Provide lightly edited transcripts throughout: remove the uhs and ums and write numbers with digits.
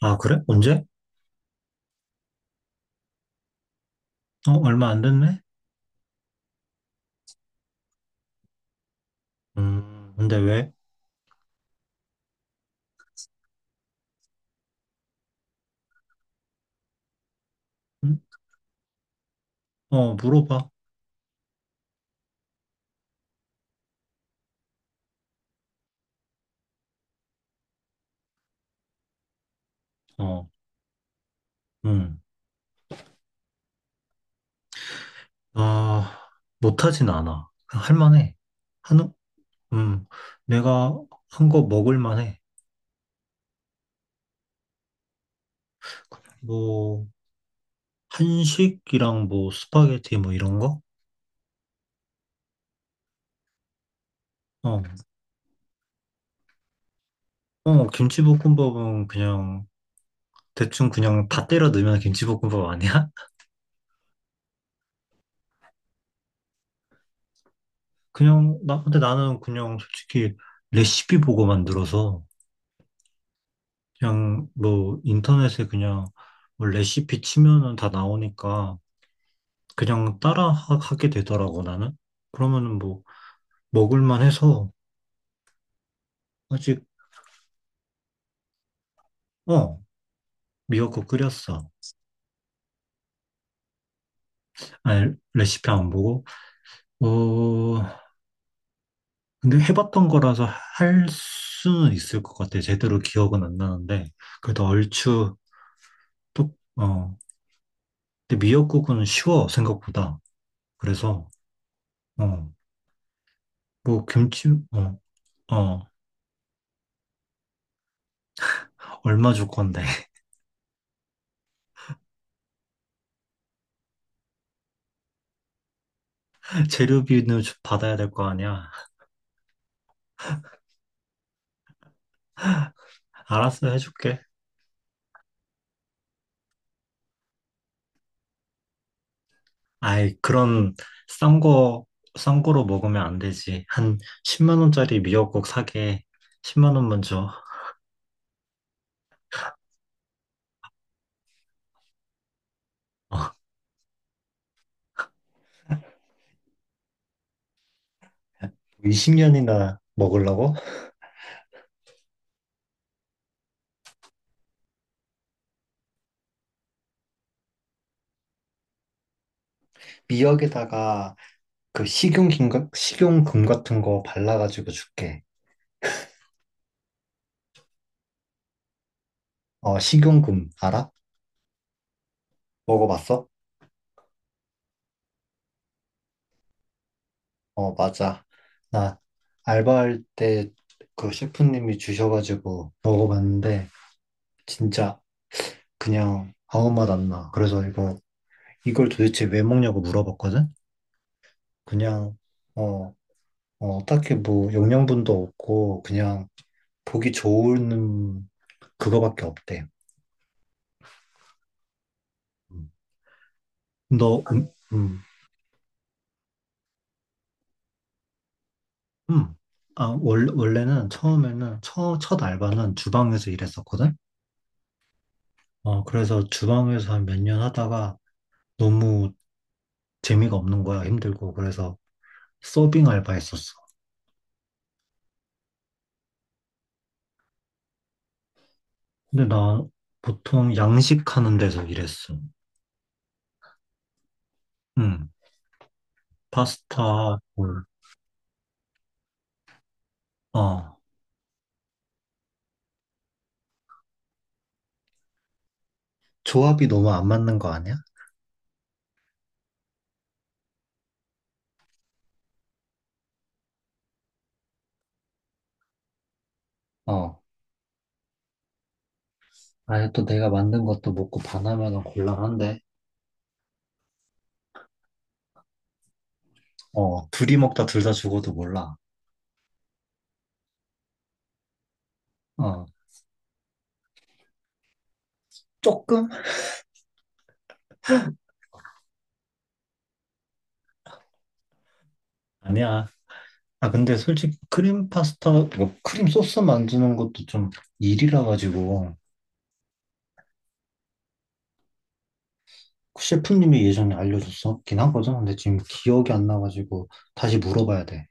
아, 그래? 언제? 어, 얼마 안 됐네? 근데 왜? 음? 어, 물어봐. 어, 음. 아, 못하진 않아. 할 만해. 한, 음, 내가 한 거 먹을 만해. 뭐, 한식이랑 뭐, 스파게티 뭐 이런 거? 어, 어, 김치볶음밥은 그냥, 대충 그냥 다 때려 넣으면 김치볶음밥 아니야? 그냥, 나, 근데 나는 그냥 솔직히 레시피 보고 만들어서, 그냥 뭐 인터넷에 그냥 뭐 레시피 치면은 다 나오니까 그냥 따라 하게 되더라고 나는. 그러면은 뭐 먹을만 해서 아직 어 미역국 끓였어. 아니 레시피 안 보고 어 근데 해봤던 거라서 할 수는 있을 것 같아. 제대로 기억은 안 나는데 그래도 얼추 또어 근데 미역국은 쉬워 생각보다. 그래서 어 뭐 김치 어 어 얼마 줄 건데. 재료비는 받아야 될 거 아니야. 알았어, 해줄게. 아이, 그런 싼 거, 싼 거로 먹으면 안 되지. 한 10만 원짜리 미역국 사게 10만 원만 줘. 어, 20년이나 먹으려고? 미역에다가 그 식용김, 식용금 같은 거 발라가지고 줄게. 어, 식용금, 알아? 먹어봤어? 어, 맞아. 나 알바할 때 그 셰프님이 주셔가지고 먹어봤는데, 진짜 그냥 아무 맛 안 나. 그래서 이거 이걸 도대체 왜 먹냐고 물어봤거든. 그냥 어, 어, 딱히 뭐 영양분도 없고 그냥 보기 좋은 그거밖에 없대. 음. 너 음. 아, 원래는 처음에는 첫 알바는 주방에서 일했었거든. 어, 그래서 주방에서 한 몇 년 하다가 너무 재미가 없는 거야. 힘들고. 그래서 서빙 알바 했었어. 근데 나 보통 양식하는 데서 일했어. 응. 파스타, 볼. 어. 조합이 너무 안 맞는 거 아니야? 어. 아예 또 내가 만든 것도 먹고 반하면 곤란한데. 어. 둘이 먹다 둘 다 죽어도 몰라. 어. 조금? 아니야. 아, 근데 솔직히 크림 파스타, 뭐 크림 소스 만드는 것도 좀 일이라 가지고 그 셰프님이 예전에 알려줬었긴 하거든. 근데 지금 기억이 안 나가지고 다시 물어봐야 돼.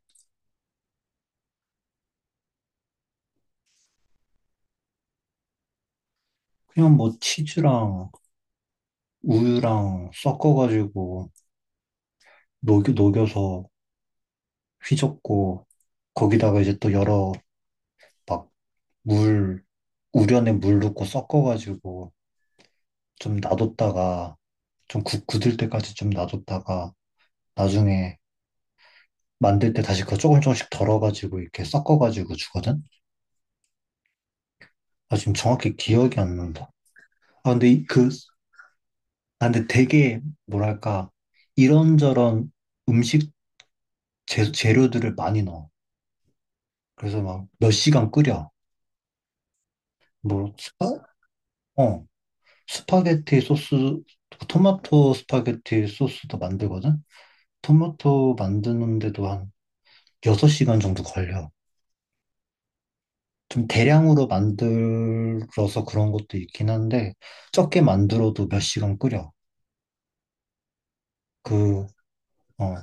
그냥 뭐 치즈랑 우유랑 섞어가지고 녹여서 휘젓고 거기다가 이제 또 여러 막 물, 우려낸 물 넣고 섞어가지고 좀 놔뒀다가 좀 굳을 때까지 좀 놔뒀다가 나중에 만들 때 다시 그거 조금 조금씩 덜어가지고 이렇게 섞어가지고 주거든? 아, 지금 정확히 기억이 안 난다. 아, 근데 그, 아, 근데 되게 뭐랄까 이런저런 음식 재료들을 많이 넣어. 그래서 막 몇 시간 끓여. 뭐, 어? 스파게티 소스, 토마토 스파게티 소스도 만들거든? 토마토 만드는데도 한 6시간 정도 걸려. 좀 대량으로 만들어서 그런 것도 있긴 한데, 적게 만들어도 몇 시간 끓여. 그, 어,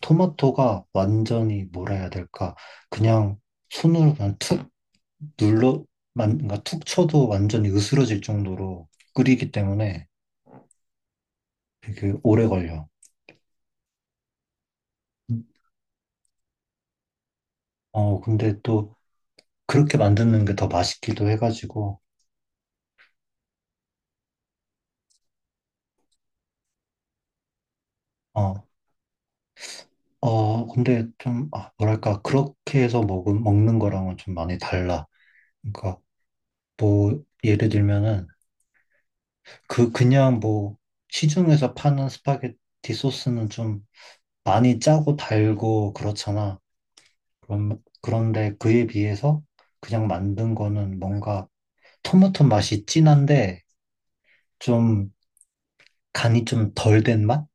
토마토가 완전히 뭐라 해야 될까. 그냥 손으로 그냥 툭 눌러, 만, 그러니까 툭 쳐도 완전히 으스러질 정도로 끓이기 때문에 되게 오래 걸려. 어, 근데 또 그렇게 만드는 게 더 맛있기도 해가지고, 어, 어, 근데 좀, 아, 뭐랄까, 그렇게 해서 먹은, 먹는 거랑은 좀 많이 달라. 그러니까, 뭐, 예를 들면은, 그, 그냥 뭐, 시중에서 파는 스파게티 소스는 좀 많이 짜고 달고 그렇잖아. 그럼, 그런데 그에 비해서 그냥 만든 거는 뭔가 토마토 맛이 진한데, 좀, 간이 좀 덜 된 맛?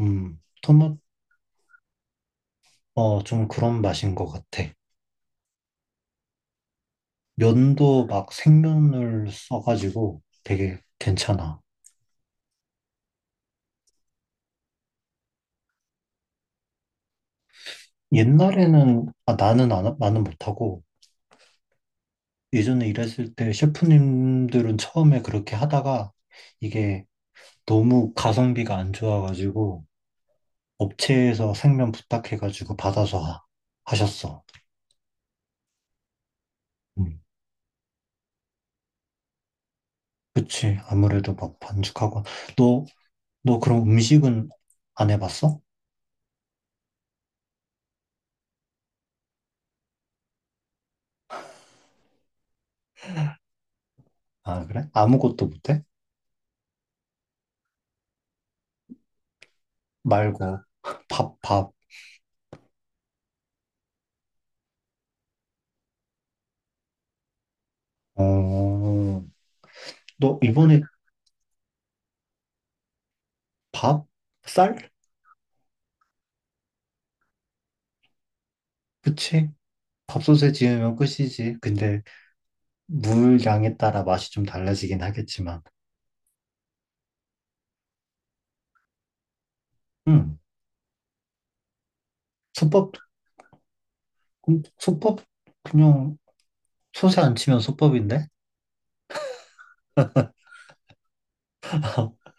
토마, 어, 좀 그런 맛인 것 같아. 면도 막 생면을 써가지고 되게 괜찮아. 옛날에는, 아, 나는 안, 나는 못하고, 예전에 일했을 때 셰프님들은 처음에 그렇게 하다가 이게 너무 가성비가 안 좋아가지고 업체에서 생면 부탁해가지고 받아서 하, 하셨어. 음, 그치. 아무래도 막 반죽하고. 너, 너 그럼 음식은 안 해봤어? 아, 그래? 아무것도 못해? 말고. 밥, 밥. 어, 너 이번에 밥? 쌀? 그치? 밥솥에 지으면 끝이지. 근데 물 양에 따라 맛이 좀 달라지긴 하겠지만. 응. 솥밥, 솥밥, 그냥 솥에 안 치면 솥밥인데?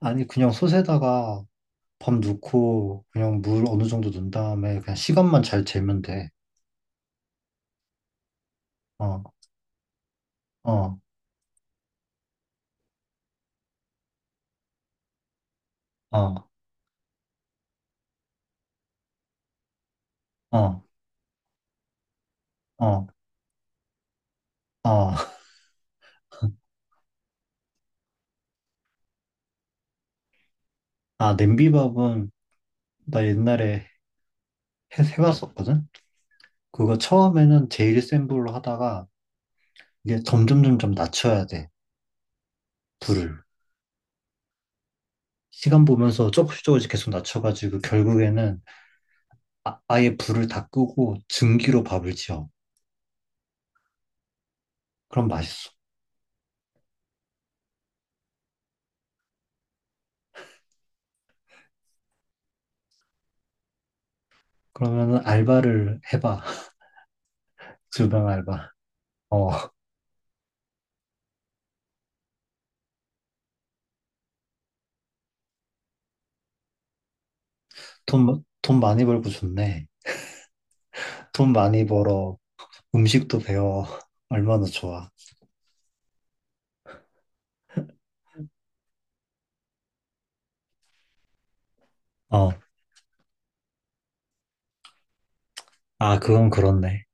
아니, 그냥 솥에다가 밥 넣고 그냥 물 어느 정도 넣은 다음에 그냥 시간만 잘 재면 돼. 어, 어, 어, 어, 어, 어. 아, 냄비밥은 나 옛날에 해봤었거든? 그거 처음에는 제일 센 불로 하다가 이게 점점 점점 낮춰야 돼. 불을. 시간 보면서 조금씩 조금씩 계속 낮춰가지고 결국에는 아, 아예 불을 다 끄고 증기로 밥을 지어. 그럼 맛있어. 그러면은 알바를 해봐. 주방 알바. 어, 돈 많이 벌고 좋네. 돈 많이 벌어. 음식도 배워. 얼마나 좋아. 어, 아, 그건 그렇네.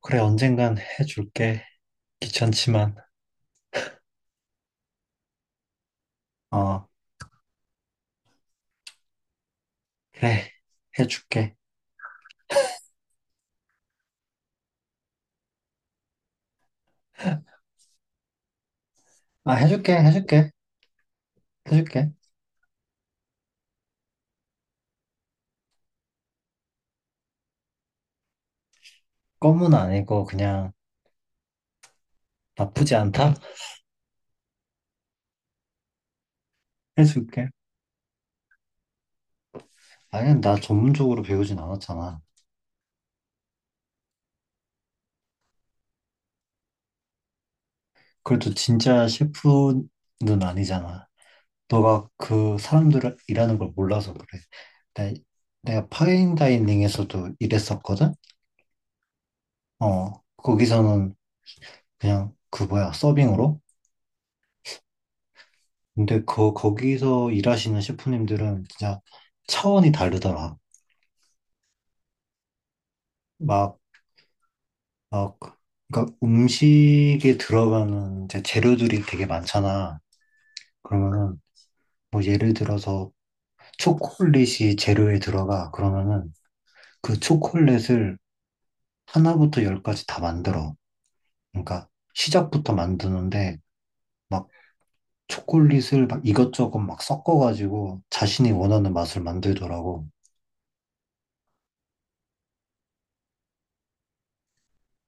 그래, 언젠간 해줄게. 귀찮지만. 어, 그래, 해줄게. 아, 해줄게, 해줄게, 해줄게. 껌은 아니고 그냥 나쁘지 않다? 해줄게. 아니, 나 전문적으로 배우진 않았잖아. 그래도 진짜 셰프는 아니잖아. 너가 그 사람들을 일하는 걸 몰라서 그래. 내, 내가 파인다이닝에서도 일했었거든? 어, 거기서는 그냥 그 뭐야, 서빙으로? 근데 그, 거기서 일하시는 셰프님들은 진짜 차원이 다르더라. 막, 막, 그러니까 음식에 들어가는 이제 재료들이 되게 많잖아. 그러면은 뭐 예를 들어서 초콜릿이 재료에 들어가 그러면은 그 초콜릿을 하나부터 열까지 다 만들어. 그러니까 시작부터 만드는데 막 초콜릿을 막 이것저것 막 섞어가지고 자신이 원하는 맛을 만들더라고.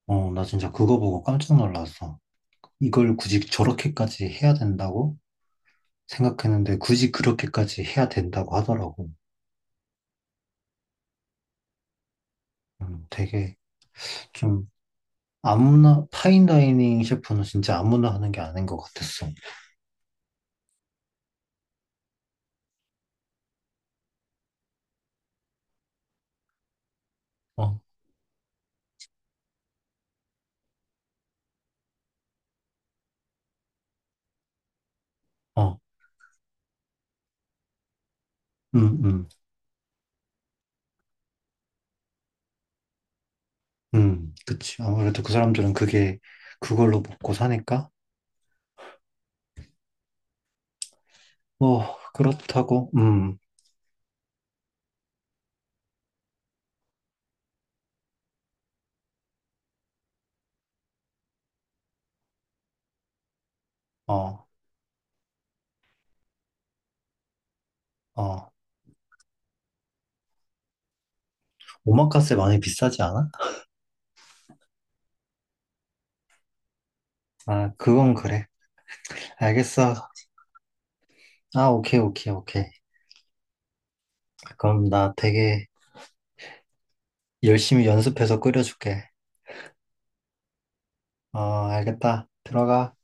어, 나 진짜 그거 보고 깜짝 놀랐어. 이걸 굳이 저렇게까지 해야 된다고 생각했는데 굳이 그렇게까지 해야 된다고 하더라고. 되게 좀 아무나 파인다이닝 셰프는 진짜 아무나 하는 게 아닌 것 같았어. 어, 어, 음, 음. 그치. 아무래도 그 사람들은 그게 그걸로 먹고 사니까? 뭐, 그렇다고, 어, 어. 오마카세 많이 비싸지 않아? 아, 그건 그래. 알겠어. 아, 오케이, 오케이, 오케이. 그럼 나 되게 열심히 연습해서 끓여줄게. 어, 알겠다. 들어가.